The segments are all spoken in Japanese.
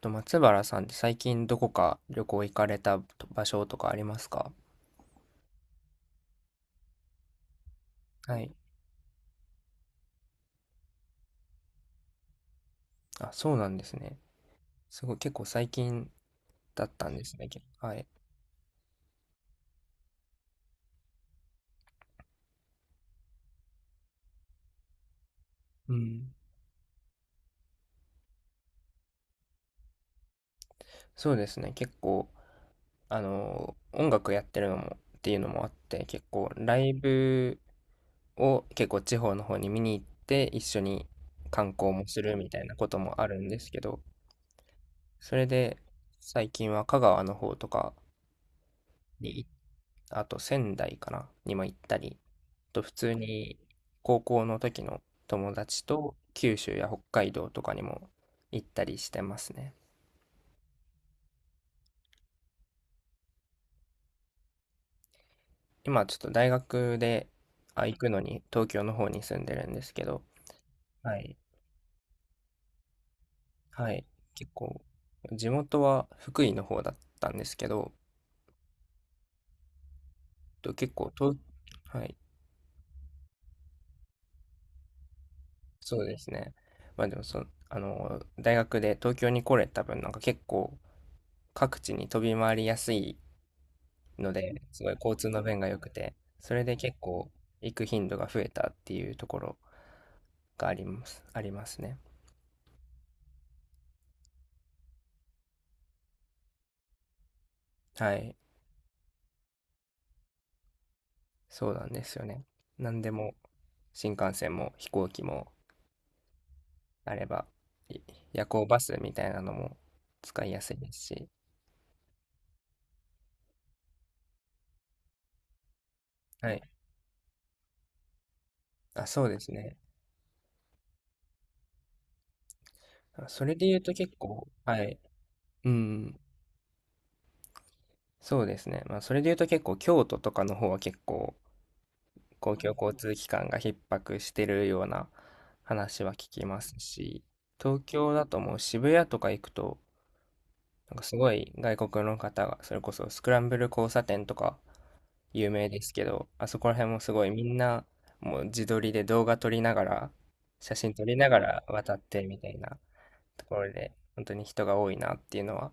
松原さんって最近どこか旅行行かれた場所とかありますか？はい。あ、そうなんですね。すごい、結構最近だったんですね。はい。うん。そうですね。結構、音楽やってるっていうのもあって、結構ライブを結構地方の方に見に行って一緒に観光もするみたいなこともあるんですけど、それで最近は香川の方とかに行っ、あと仙台かな、にも行ったり、普通に高校の時の友達と九州や北海道とかにも行ったりしてますね。今ちょっと大学で、あ、行くのに東京の方に住んでるんですけど、はい。はい。結構、地元は福井の方だったんですけど、と結構と、はい。そうですね。まあでも、そ、あの、大学で東京に来れた分、なんか結構各地に飛び回りやすいので、すごい交通の便が良くて、それで結構行く頻度が増えたっていうところがありますね。はい。そうなんですよね。何でも新幹線も飛行機もあれば、い夜行バスみたいなのも使いやすいですし。はい。あ、そうですね。あ、それで言うと結構、はい。うん。そうですね。まあ、それで言うと結構京都とかの方は結構公共交通機関が逼迫してるような話は聞きますし、東京だともう渋谷とか行くと、なんかすごい外国の方が、それこそスクランブル交差点とか有名ですけど、あそこら辺もすごいみんなもう自撮りで動画撮りながら、写真撮りながら渡ってみたいなところで、本当に人が多いなっていうのは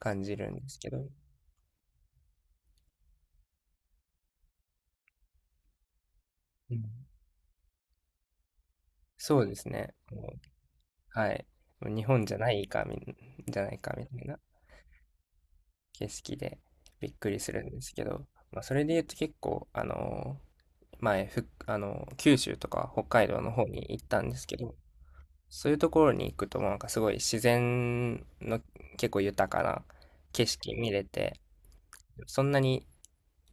感じるんですけど、うん。そうですね。もう、はい。もう日本じゃないかみたいな景色でびっくりするんですけど、まあ、それで言うと結構、前、ふ、あのー九州とか北海道の方に行ったんですけど、そういうところに行くと、なんかすごい自然の結構豊かな景色見れて、そんなに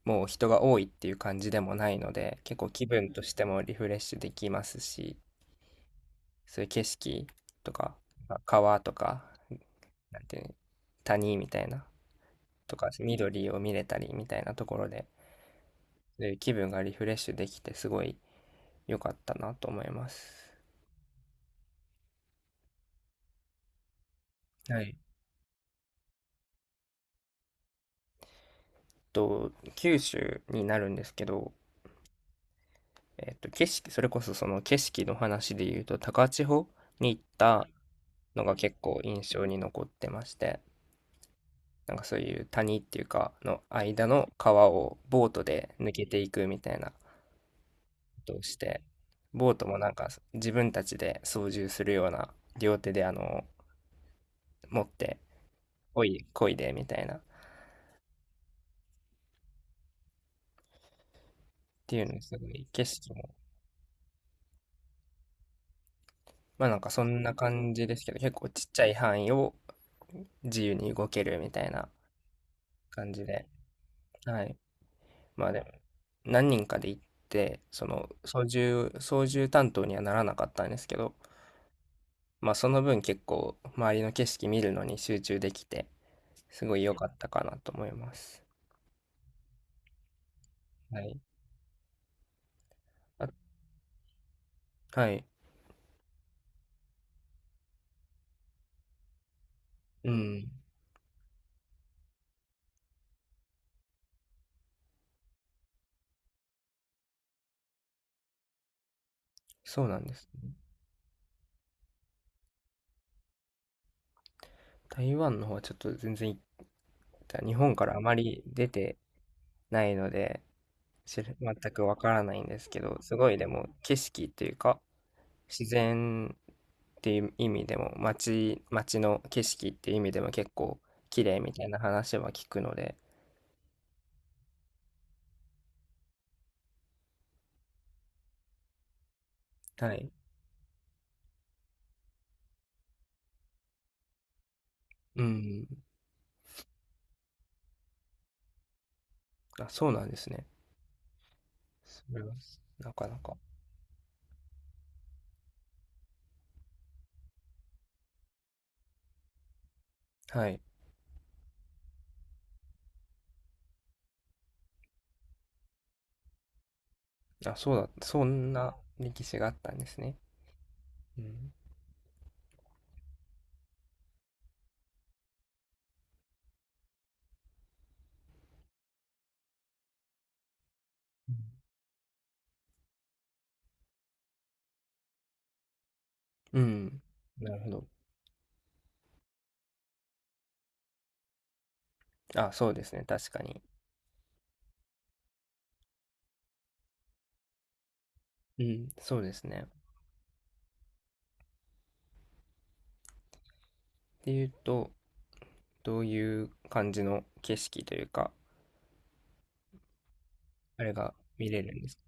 もう人が多いっていう感じでもないので、結構気分としてもリフレッシュできますし、そういう景色とか、まあ川とか、なんていうの、谷みたいな、とか緑を見れたりみたいなところで、そういう気分がリフレッシュできてすごい良かったなと思います。はい。九州になるんですけど、それこそその景色の話で言うと、高千穂に行ったのが結構印象に残ってまして、なんかそういう谷っていうか、の間の川をボートで抜けていくみたいなことをして、ボートもなんか自分たちで操縦するような、両手で持って、こいでみたいな、っていうのすごい景色もまあなんかそんな感じですけど、結構ちっちゃい範囲を自由に動けるみたいな感じで。はい。まあでも、何人かで行って、その操縦担当にはならなかったんですけど、まあその分結構周りの景色見るのに集中できて、すごい良かったかなと思います。はい。あ、はい。うん。そうなんです。台湾の方はちょっと全然行った。日本からあまり出てないので、全くわからないんですけど、すごいでも景色っていうか、自然っていう意味でも、街の景色っていう意味でも結構綺麗みたいな話は聞くので、はい。うん。あ、そうなんですね。それは、なかなか。はい。あ、そうだ、そんな歴史があったんですね。うん。うん。なるほど。あ、そうですね。確かに。うん、そうですね。っていうと、どういう感じの景色というか、あれが見れるんですか？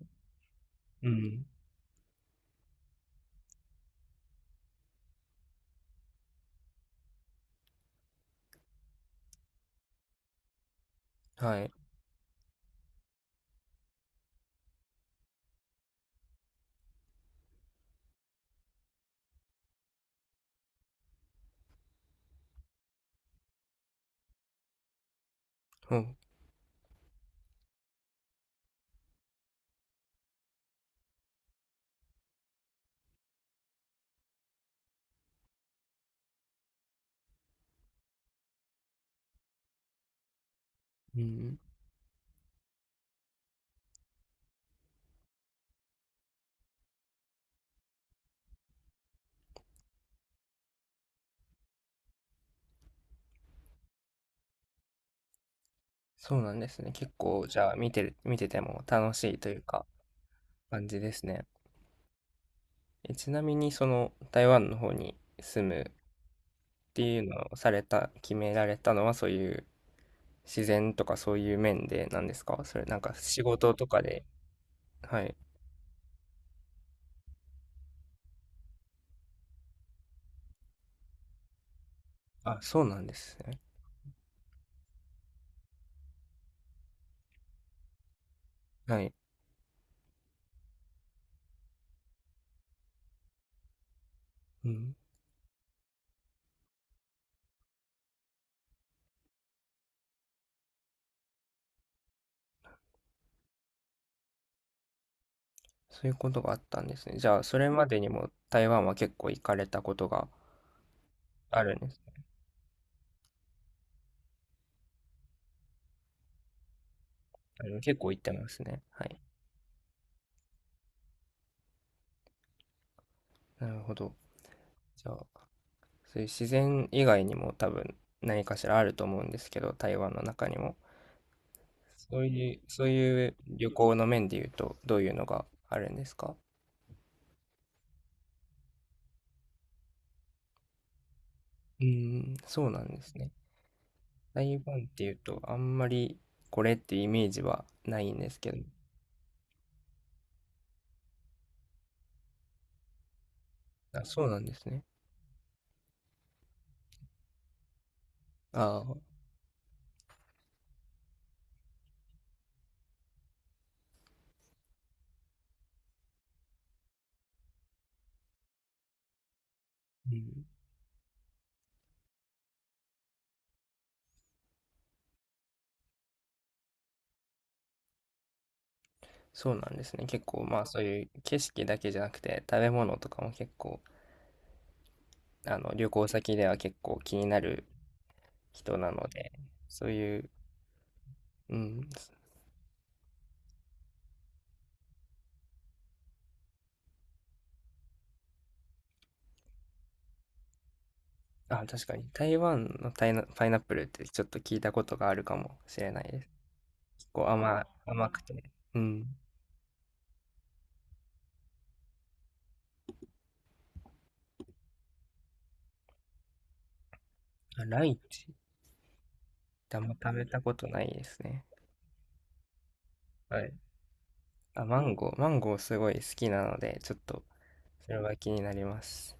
うん。はい。うん。うん。そうなんですね。結構、じゃあ、見てても楽しいというか、感じですね。え、ちなみに、その、台湾の方に住むっていうのをされた、決められたのは、そういう自然とかそういう面でなんですか？それ、なんか仕事とかで。はい。あ、そうなんですね。はい。うん。そういうことがあったんですね。じゃあ、それまでにも台湾は結構行かれたことがあるんですね。結構行ってますね。はい。なるほど。じゃあ、そういう自然以外にも多分何かしらあると思うんですけど、台湾の中にも。そういう旅行の面で言うと、どういうのがあるんですか？うーん、そうなんですね。台湾っていうと、あんまりこれってイメージはないんですけど。あ、そうなんですね。ああ、うん。そうなんですね。結構、まあそういう景色だけじゃなくて、食べ物とかも結構、旅行先では結構気になる人なので、そういう、うん、あ、確かに。台湾のタイナパイナップルってちょっと聞いたことがあるかもしれないです。結構甘くて。うん。あ、ライチってあんま食べたことないですね。はい。あ、マンゴー。マンゴーすごい好きなので、ちょっとそれは気になります。